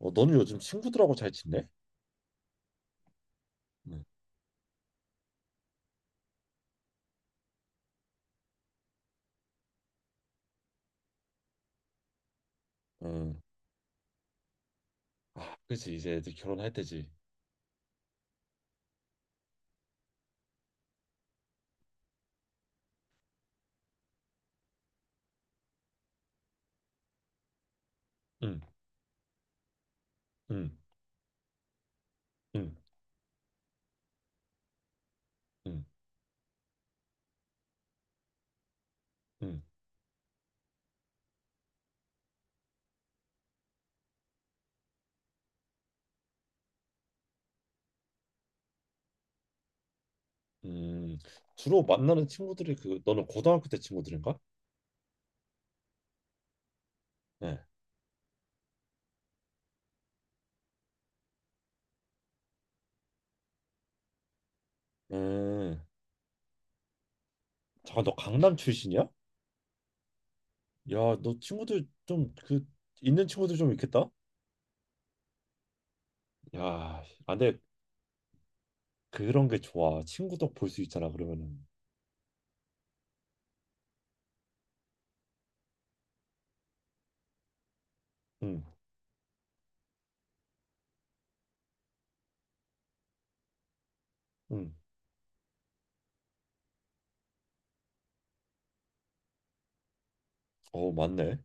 어, 너는 요즘 친구들하고 잘 지내? 응. 응. 아, 그렇지. 이제 애들 결혼할 때지. 응, 응, 응, 응, 응. 음, 주로 만나는 친구들이 그 너는 고등학교 때 친구들인가? 네. 음. 잠깐 너 강남 출신이야? 야, 너 친구들 좀 그 있는 친구들 좀 있겠다. 야, 안데 그런 게 좋아. 친구도 볼 수 있잖아. 그러면은. 응, 응. 어, 맞네.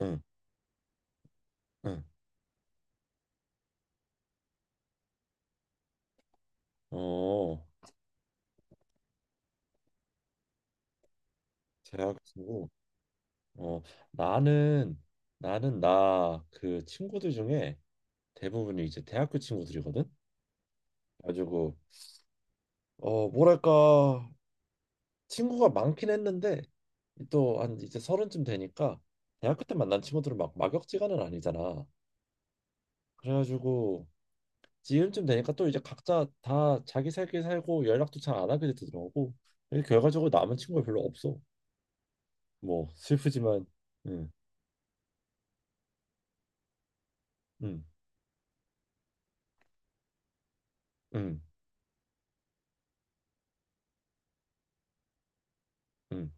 응, 응. 어, 대학 친구. 어, 나는 나는 나 그 친구들 중에 대부분이 이제 대학교 친구들이거든. 가지고 어, 뭐랄까 친구가 많긴 했는데 또 한 이제 30쯤 되니까 대학교 때 만난 친구들은 막 막역지간은 아니잖아. 그래가지고 지금쯤 되니까 또 이제 각자 다 자기 살길 살고 연락도 잘 안 하게 되더라고. 그래서 결과적으로 남은 친구가 별로 없어. 뭐 슬프지만, 음, 음, 음, 음,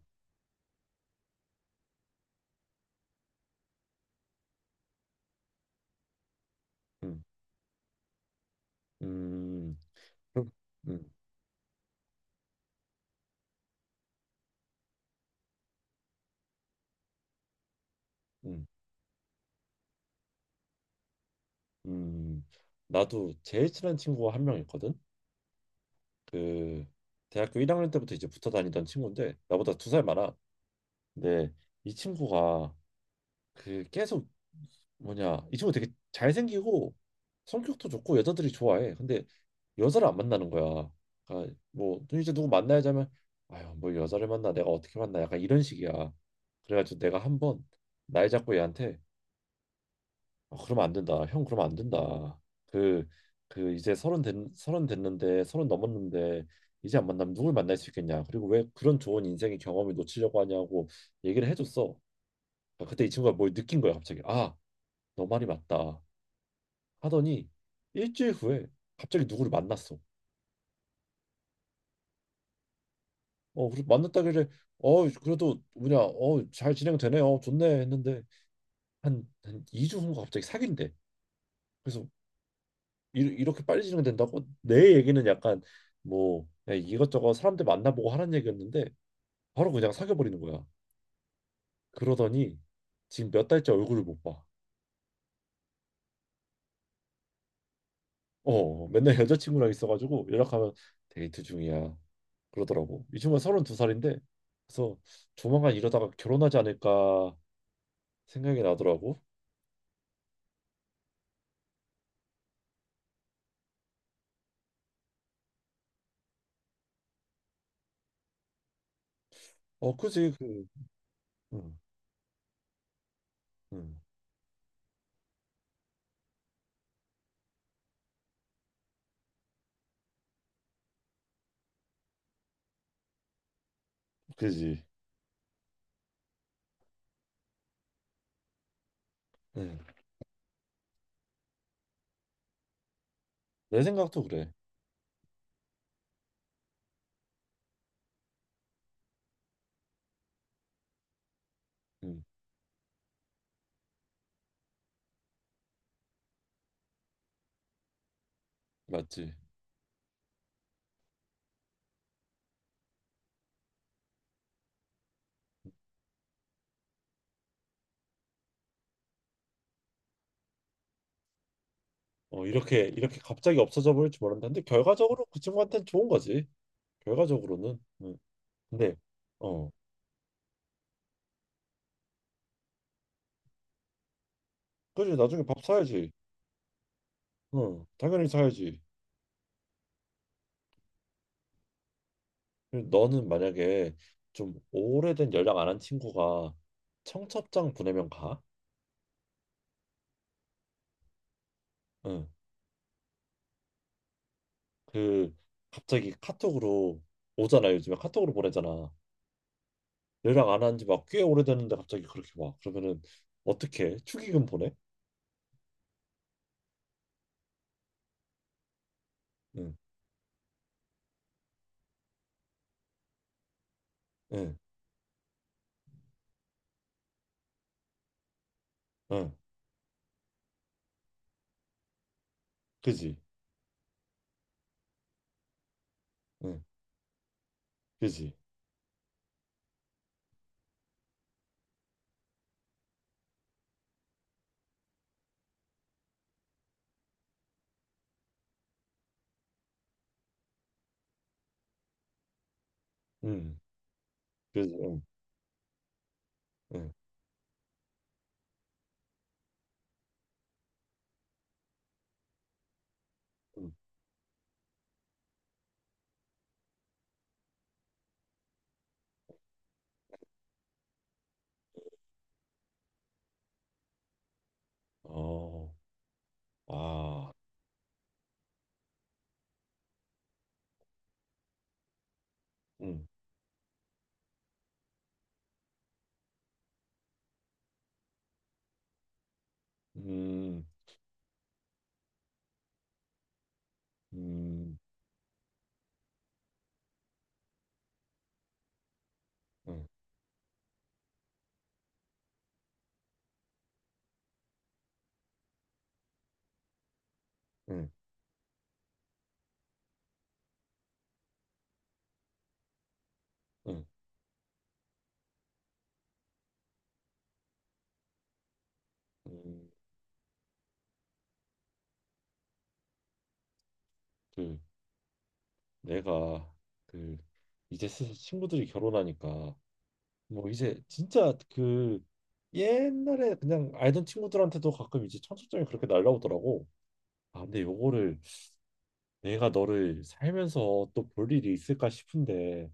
음, 음, 음, 음. 음, 음, 나도 제일 친한 친구가 한 명 있거든. 그 대학교 1학년 때부터 이제 붙어 다니던 친구인데 나보다 2살 많아. 근데 이 친구가 그 계속 뭐냐 이 친구 되게 잘생기고 성격도 좋고 여자들이 좋아해. 근데 여자를 안 만나는 거야. 그러니까 뭐 이제 누구 만나야지 하면 아유 뭐 여자를 만나 내가 어떻게 만나 약간 이런 식이야. 그래가지고 내가 한번 날 잡고 얘한테 어, 그러면 안 된다. 형 그러면 안 된다. 그 그 이제 서른 됐는데 서른 넘었는데 이제 안 만나면 누굴 만날 수 있겠냐. 그리고 왜 그런 좋은 인생의 경험을 놓치려고 하냐고 얘기를 해줬어. 아, 그때 이 친구가 뭘 느낀 거야 갑자기. 아, 너 말이 맞다. 하더니 일주일 후에 갑자기 누구를 만났어. 어, 그래 만났다길래 어 그래도 뭐냐 어 잘 진행되네요 좋네 했는데 한 2주 후인가 갑자기 사귄대. 그래서 이렇게 빨리 진행된다고? 내 얘기는 약간 뭐 그냥 이것저것 사람들 만나보고 하는 얘기였는데 바로 그냥 사귀어버리는 거야. 그러더니 지금 몇 달째 얼굴을 못 봐. 어, 맨날 여자친구랑 있어가지고 연락하면 데이트 중이야. 그러더라고. 이 친구가 32살인데 그래서 조만간 이러다가 결혼하지 않을까 생각이 나더라고. 어, 그지. 그, 응, 응, 그지. 응. 내 생각도 그래. 응, 맞지. 어, 이렇게 이렇게 갑자기 없어져 버릴 지 몰랐는데 데 결과적으로 그 친구한테는 좋은 거지. 결과적으로는. 응. 근데 어, 그지 나중에 밥 사야지. 응, 당연히 사야지. 그리고 너는 만약에 좀 오래된 연락 안 한 친구가 청첩장 보내면 가? 응. 그 갑자기 카톡으로 오잖아 요즘에 카톡으로 보내잖아. 연락 안 한 지 막 꽤 오래됐는데 갑자기 그렇게 와. 그러면은 어떻게 축의금 보내? 응, 응, 응, 그지, 응, 그지, 응. 그지, 응, 응, 응. 어, 아, 응, 음, 음, 응, 응, 응, 음, 그 내가 그 이제 슬슬 친구들이 결혼하니까 뭐 이제 진짜 그 옛날에 그냥 알던 친구들한테도 가끔 이제 청첩장이 그렇게 날라오더라고. 아, 근데 요거를 내가 너를 살면서 또 볼 일이 있을까 싶은데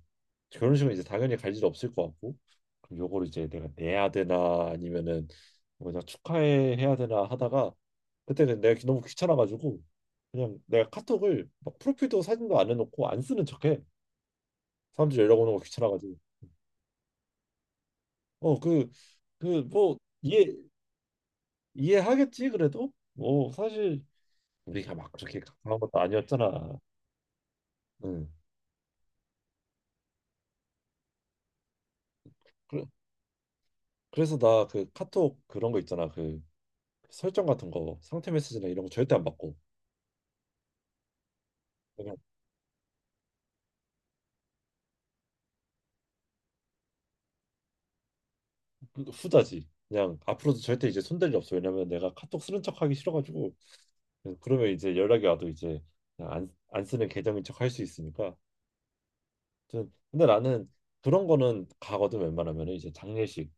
결혼식은 이제 당연히 갈 일 없을 것 같고 그럼 요거를 이제 내가 내야 되나 아니면은 뭐냐 축하해 해야 되나 하다가 그때는 내가 너무 귀찮아가지고 그냥 내가 카톡을 막 프로필도 사진도 안 해놓고 안 쓰는 척해 사람들이 연락 오는 거 귀찮아가지고 어 그 뭐 이해하겠지 그래도 뭐 사실 우리가 막 그렇게 강한 것도 아니었잖아 응 그래, 그래서 나 그 카톡 그런 거 있잖아. 그 설정 같은 거 상태 메시지나 이런 거 절대 안 받고 그냥 그 후자지. 그냥 앞으로도 절대 이제 손댈 일 없어. 왜냐면 내가 카톡 쓰는 척 하기 싫어가지고 그러면 이제 연락이 와도 이제 그냥 안 쓰는 계정인 척 할 수 있으니까. 아무튼 근데 나는 그런 거는 가거든 웬만하면 이제 장례식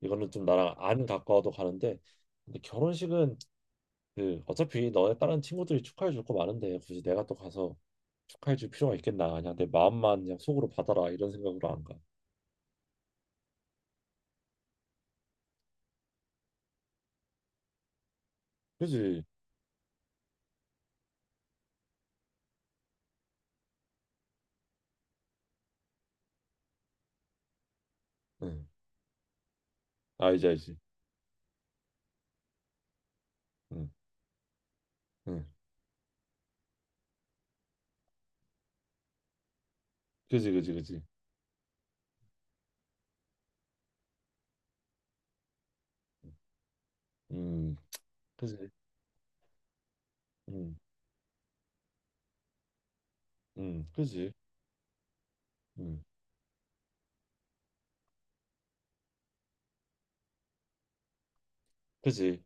이거는 좀 나랑 안 가까워도 가는데 근데 결혼식은 그 어차피 너의 다른 친구들이 축하해 줄 거 많은데 굳이 내가 또 가서 축하해 줄 필요가 있겠나 그냥 내 마음만 그냥 속으로 받아라 이런 생각으로 안 가. 그지? 응. 알지 알지. 응. 응. 그지 그지 그지. 음. 그지. 음. 음. 그지. 음. 그지.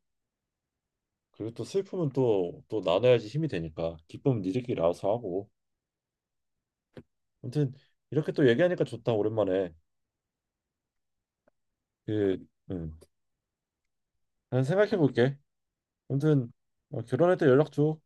그리고 또 슬픔은 또 또 나눠야지 힘이 되니까 기쁨은 니들끼리 알아서 하고. 아무튼 이렇게 또 얘기하니까 좋다 오랜만에. 그 음. 난 생각해 볼게. 아무튼 어, 결혼할 때 연락 줘.